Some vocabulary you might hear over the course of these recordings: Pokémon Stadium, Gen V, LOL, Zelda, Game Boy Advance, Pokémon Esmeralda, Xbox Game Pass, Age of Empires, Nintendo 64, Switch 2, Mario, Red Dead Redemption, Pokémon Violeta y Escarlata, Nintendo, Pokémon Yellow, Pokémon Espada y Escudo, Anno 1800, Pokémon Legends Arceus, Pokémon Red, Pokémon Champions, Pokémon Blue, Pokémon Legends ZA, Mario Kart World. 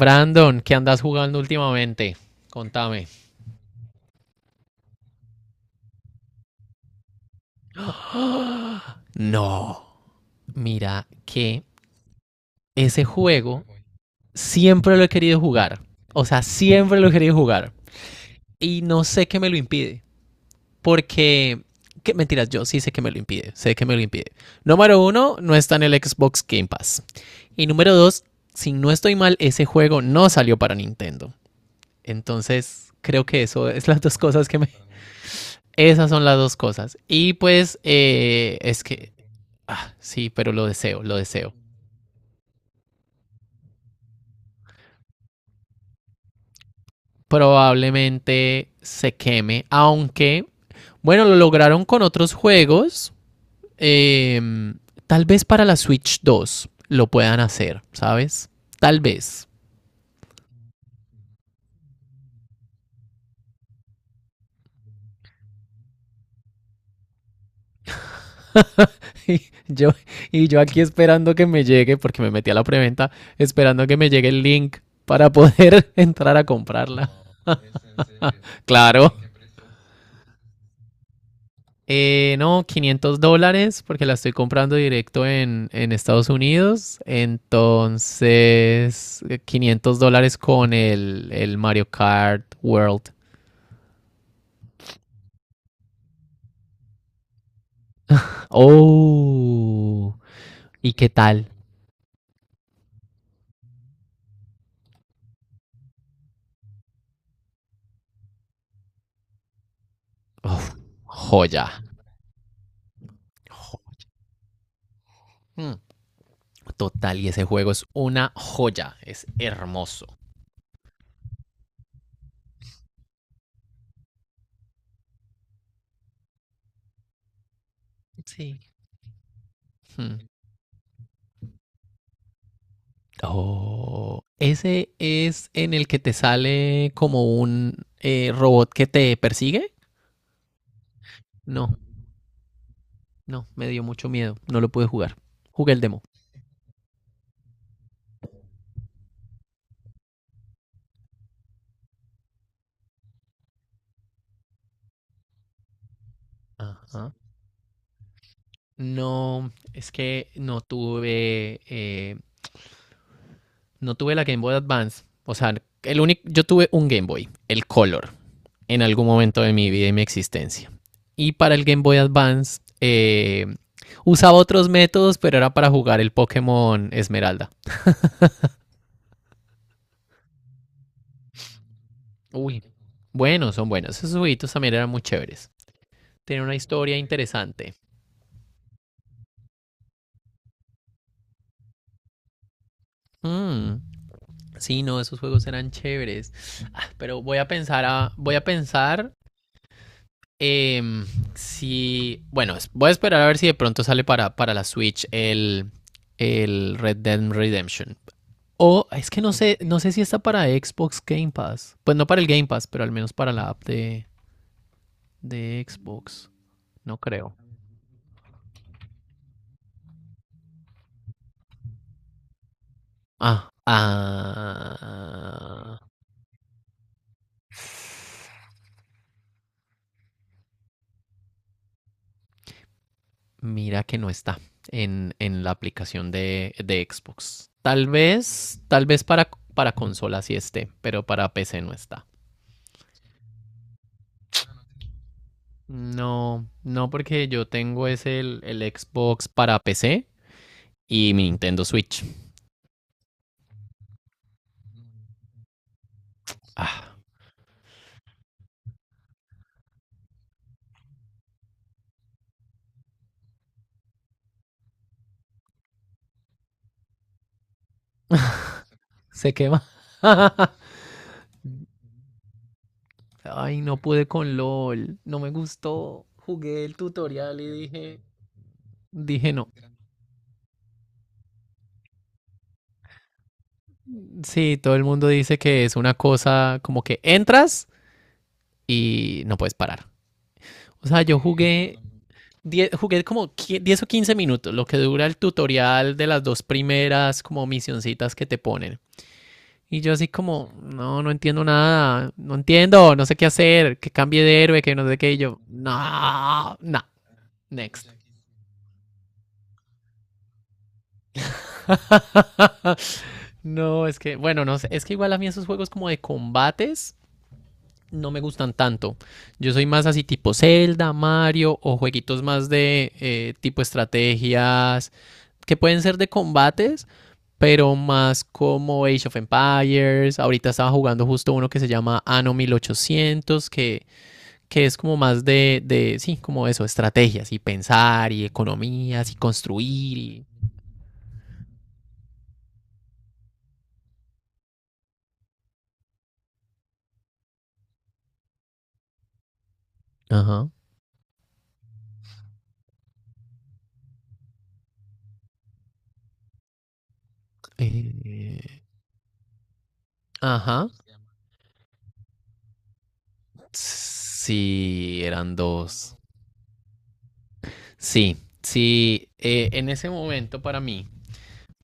Brandon, ¿qué andas jugando últimamente? Contame. ¡Oh! No. Mira que ese juego siempre lo he querido jugar. O sea, siempre lo he querido jugar. Y no sé qué me lo impide. Porque... ¿Qué? Mentiras, yo sí sé que me lo impide. Sé que me lo impide. Número uno, no está en el Xbox Game Pass. Y número dos, si no estoy mal, ese juego no salió para Nintendo. Entonces, creo que eso es las dos cosas que me. Esas son las dos cosas. Y pues es que, ah, sí, pero lo deseo, lo deseo. Probablemente se queme, aunque, bueno, lo lograron con otros juegos. eh, Tal vez para la Switch 2 lo puedan hacer, ¿sabes? Tal vez. Y yo, y yo aquí esperando que me llegue, porque me metí a la preventa, esperando que me llegue el link para poder entrar a comprarla. Claro. No, $500 porque la estoy comprando directo en Estados Unidos. Entonces, $500 con el Mario Kart World. Oh, ¿y qué tal? Uf, joya. Jo- mm, Total, y ese juego es una joya, es hermoso. Sí. Hmm. Oh, ese es en el que te sale como un robot que te persigue. No. No, me dio mucho miedo. No lo pude jugar. Jugué el demo. Ajá. No, es que no tuve la Game Boy Advance. O sea, el único, yo tuve un Game Boy, el Color, en algún momento de mi vida y mi existencia. Y para el Game Boy Advance usaba otros métodos, pero era para jugar el Pokémon Esmeralda. Uy, buenos, son buenos. Esos jueguitos también eran muy chéveres. Tienen una historia interesante. Mm, sí, no, esos juegos eran chéveres. Ah, pero voy a pensar em, si, bueno, voy a esperar a ver si de pronto sale para la Switch el Red Dead Redemption. O es que no sé si está para Xbox Game Pass. Pues no para el Game Pass, pero al menos para la app de Xbox. No creo. Ah, ah. Mira que no está en la aplicación de Xbox. Tal vez para consola sí esté, pero para PC no está. No, no, porque yo tengo es el Xbox para PC y mi Nintendo Switch. Ah, se quema. Ay, no pude con LOL. No me gustó. Jugué el tutorial y dije no. Sí, todo el mundo dice que es una cosa como que entras y no puedes parar. O sea, jugué como 10 o 15 minutos, lo que dura el tutorial de las dos primeras como misioncitas que te ponen. Y yo así como, no, no entiendo nada, no entiendo, no sé qué hacer, que cambie de héroe, que no sé qué. Y yo, no, no, next. No, es que, bueno, no sé, es que igual a mí esos juegos como de combates no me gustan tanto. Yo soy más así tipo Zelda, Mario o jueguitos más de tipo estrategias que pueden ser de combates, pero más como Age of Empires. Ahorita estaba jugando justo uno que se llama Anno 1800, que es como más sí, como eso, estrategias y pensar y economías y construir y... Ajá. eh, Ajá. Sí, eran dos. Sí, sí, en ese momento para mí,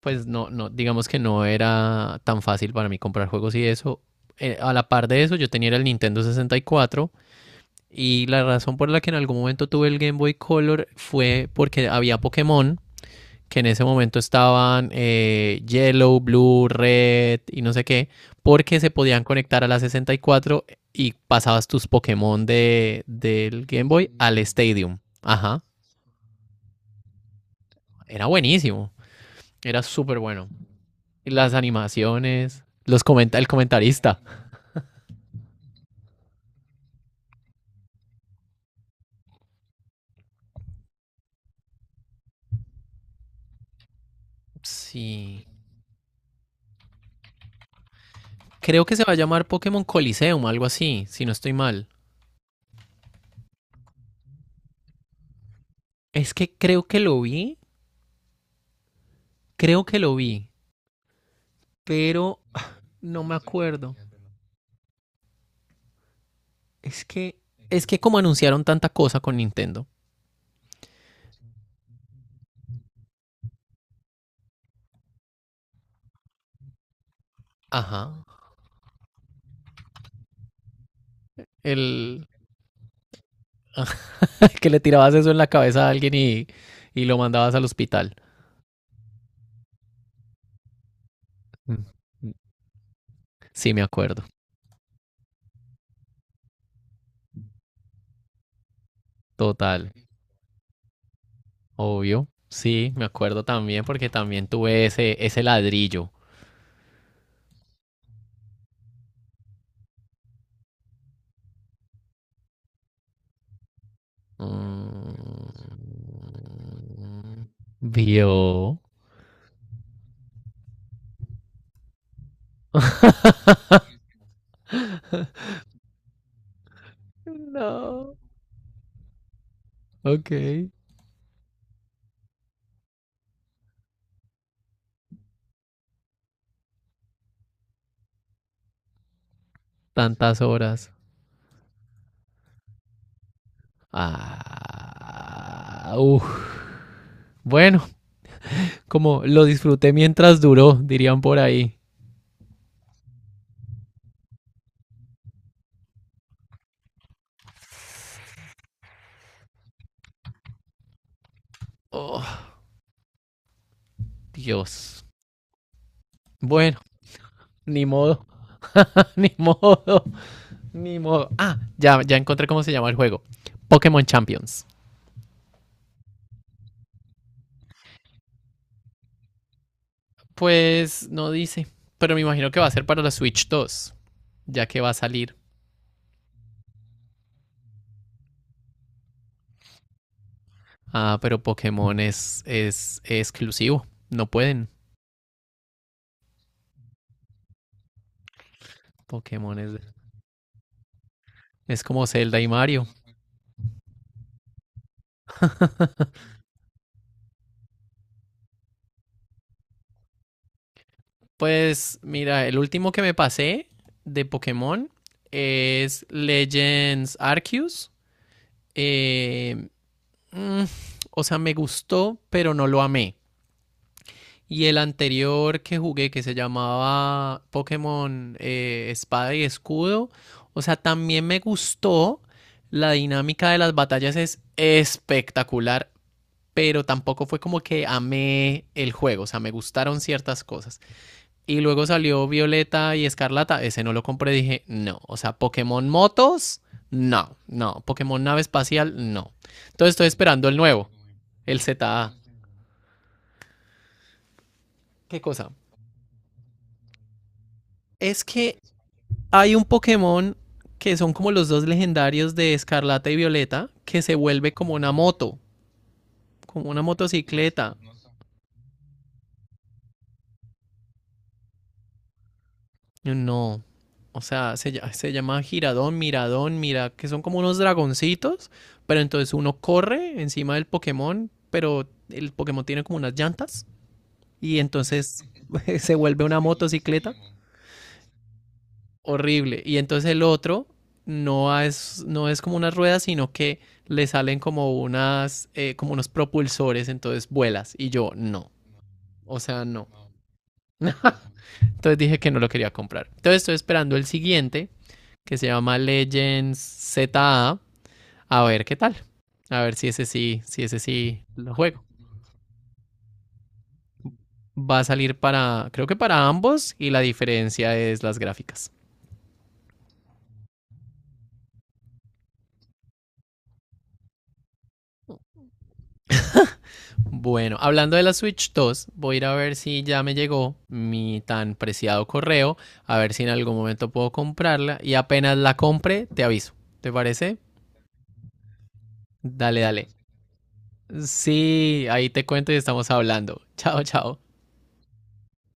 pues no, no, digamos que no era tan fácil para mí comprar juegos y eso. A la par de eso, yo tenía el Nintendo 64. Y la razón por la que en algún momento tuve el Game Boy Color fue porque había Pokémon, que en ese momento estaban Yellow, Blue, Red y no sé qué, porque se podían conectar a la 64 y cuatro y pasabas tus Pokémon del Game Boy al Stadium. Ajá, era buenísimo, era súper bueno. Y las animaciones, los comenta el comentarista. Sí, creo que se va a llamar Pokémon Coliseum, algo así, si no estoy mal. Es que creo que lo vi Creo que lo vi, pero no me acuerdo. Es que, es que como anunciaron tanta cosa con Nintendo. Ajá. El que le tirabas eso en la cabeza a alguien y lo mandabas al hospital. Sí, me acuerdo. Total. Obvio. Sí, me acuerdo también porque también tuve ese ladrillo. Mm. Vio. No. Ok. Tantas horas. Ah, uf. Bueno, como lo disfruté mientras duró, dirían por ahí. Oh, Dios. Bueno, ni modo. Ni modo. Ni modo. Ah, ya, ya encontré cómo se llama el juego. Pokémon Champions. Pues no dice. Pero me imagino que va a ser para la Switch 2. Ya que va a salir. Ah, pero Pokémon es exclusivo. No pueden. Pokémon es como Zelda y Mario. Pues mira, el último que me pasé de Pokémon es Legends Arceus. Eh, mm, o sea, me gustó, pero no lo amé. Y el anterior que jugué, que se llamaba Pokémon Espada y Escudo, o sea, también me gustó. La dinámica de las batallas es espectacular, pero tampoco fue como que amé el juego, o sea, me gustaron ciertas cosas. Y luego salió Violeta y Escarlata. Ese no lo compré. Dije, no. O sea, Pokémon Motos, no. No. Pokémon Nave Espacial, no. Entonces estoy esperando el nuevo. El ZA. ¿Qué cosa? Es que hay un Pokémon que son como los dos legendarios de Escarlata y Violeta que se vuelve como una moto. Como una motocicleta. No. O sea, se llama giradón, miradón, mira, que son como unos dragoncitos, pero entonces uno corre encima del Pokémon, pero el Pokémon tiene como unas llantas y entonces se vuelve una motocicleta horrible. Y entonces el otro no es como unas ruedas, sino que le salen como unos propulsores, entonces vuelas. Y yo, no. O sea, no. Entonces dije que no lo quería comprar. Entonces estoy esperando el siguiente que se llama Legends ZA. A ver qué tal. A ver si ese sí lo juego. Va a salir para, creo que para ambos y la diferencia es las gráficas. Bueno, hablando de la Switch 2, voy a ir a ver si ya me llegó mi tan preciado correo, a ver si en algún momento puedo comprarla y apenas la compre te aviso. ¿Te parece? Dale, dale. Sí, ahí te cuento y estamos hablando. Chao, chao.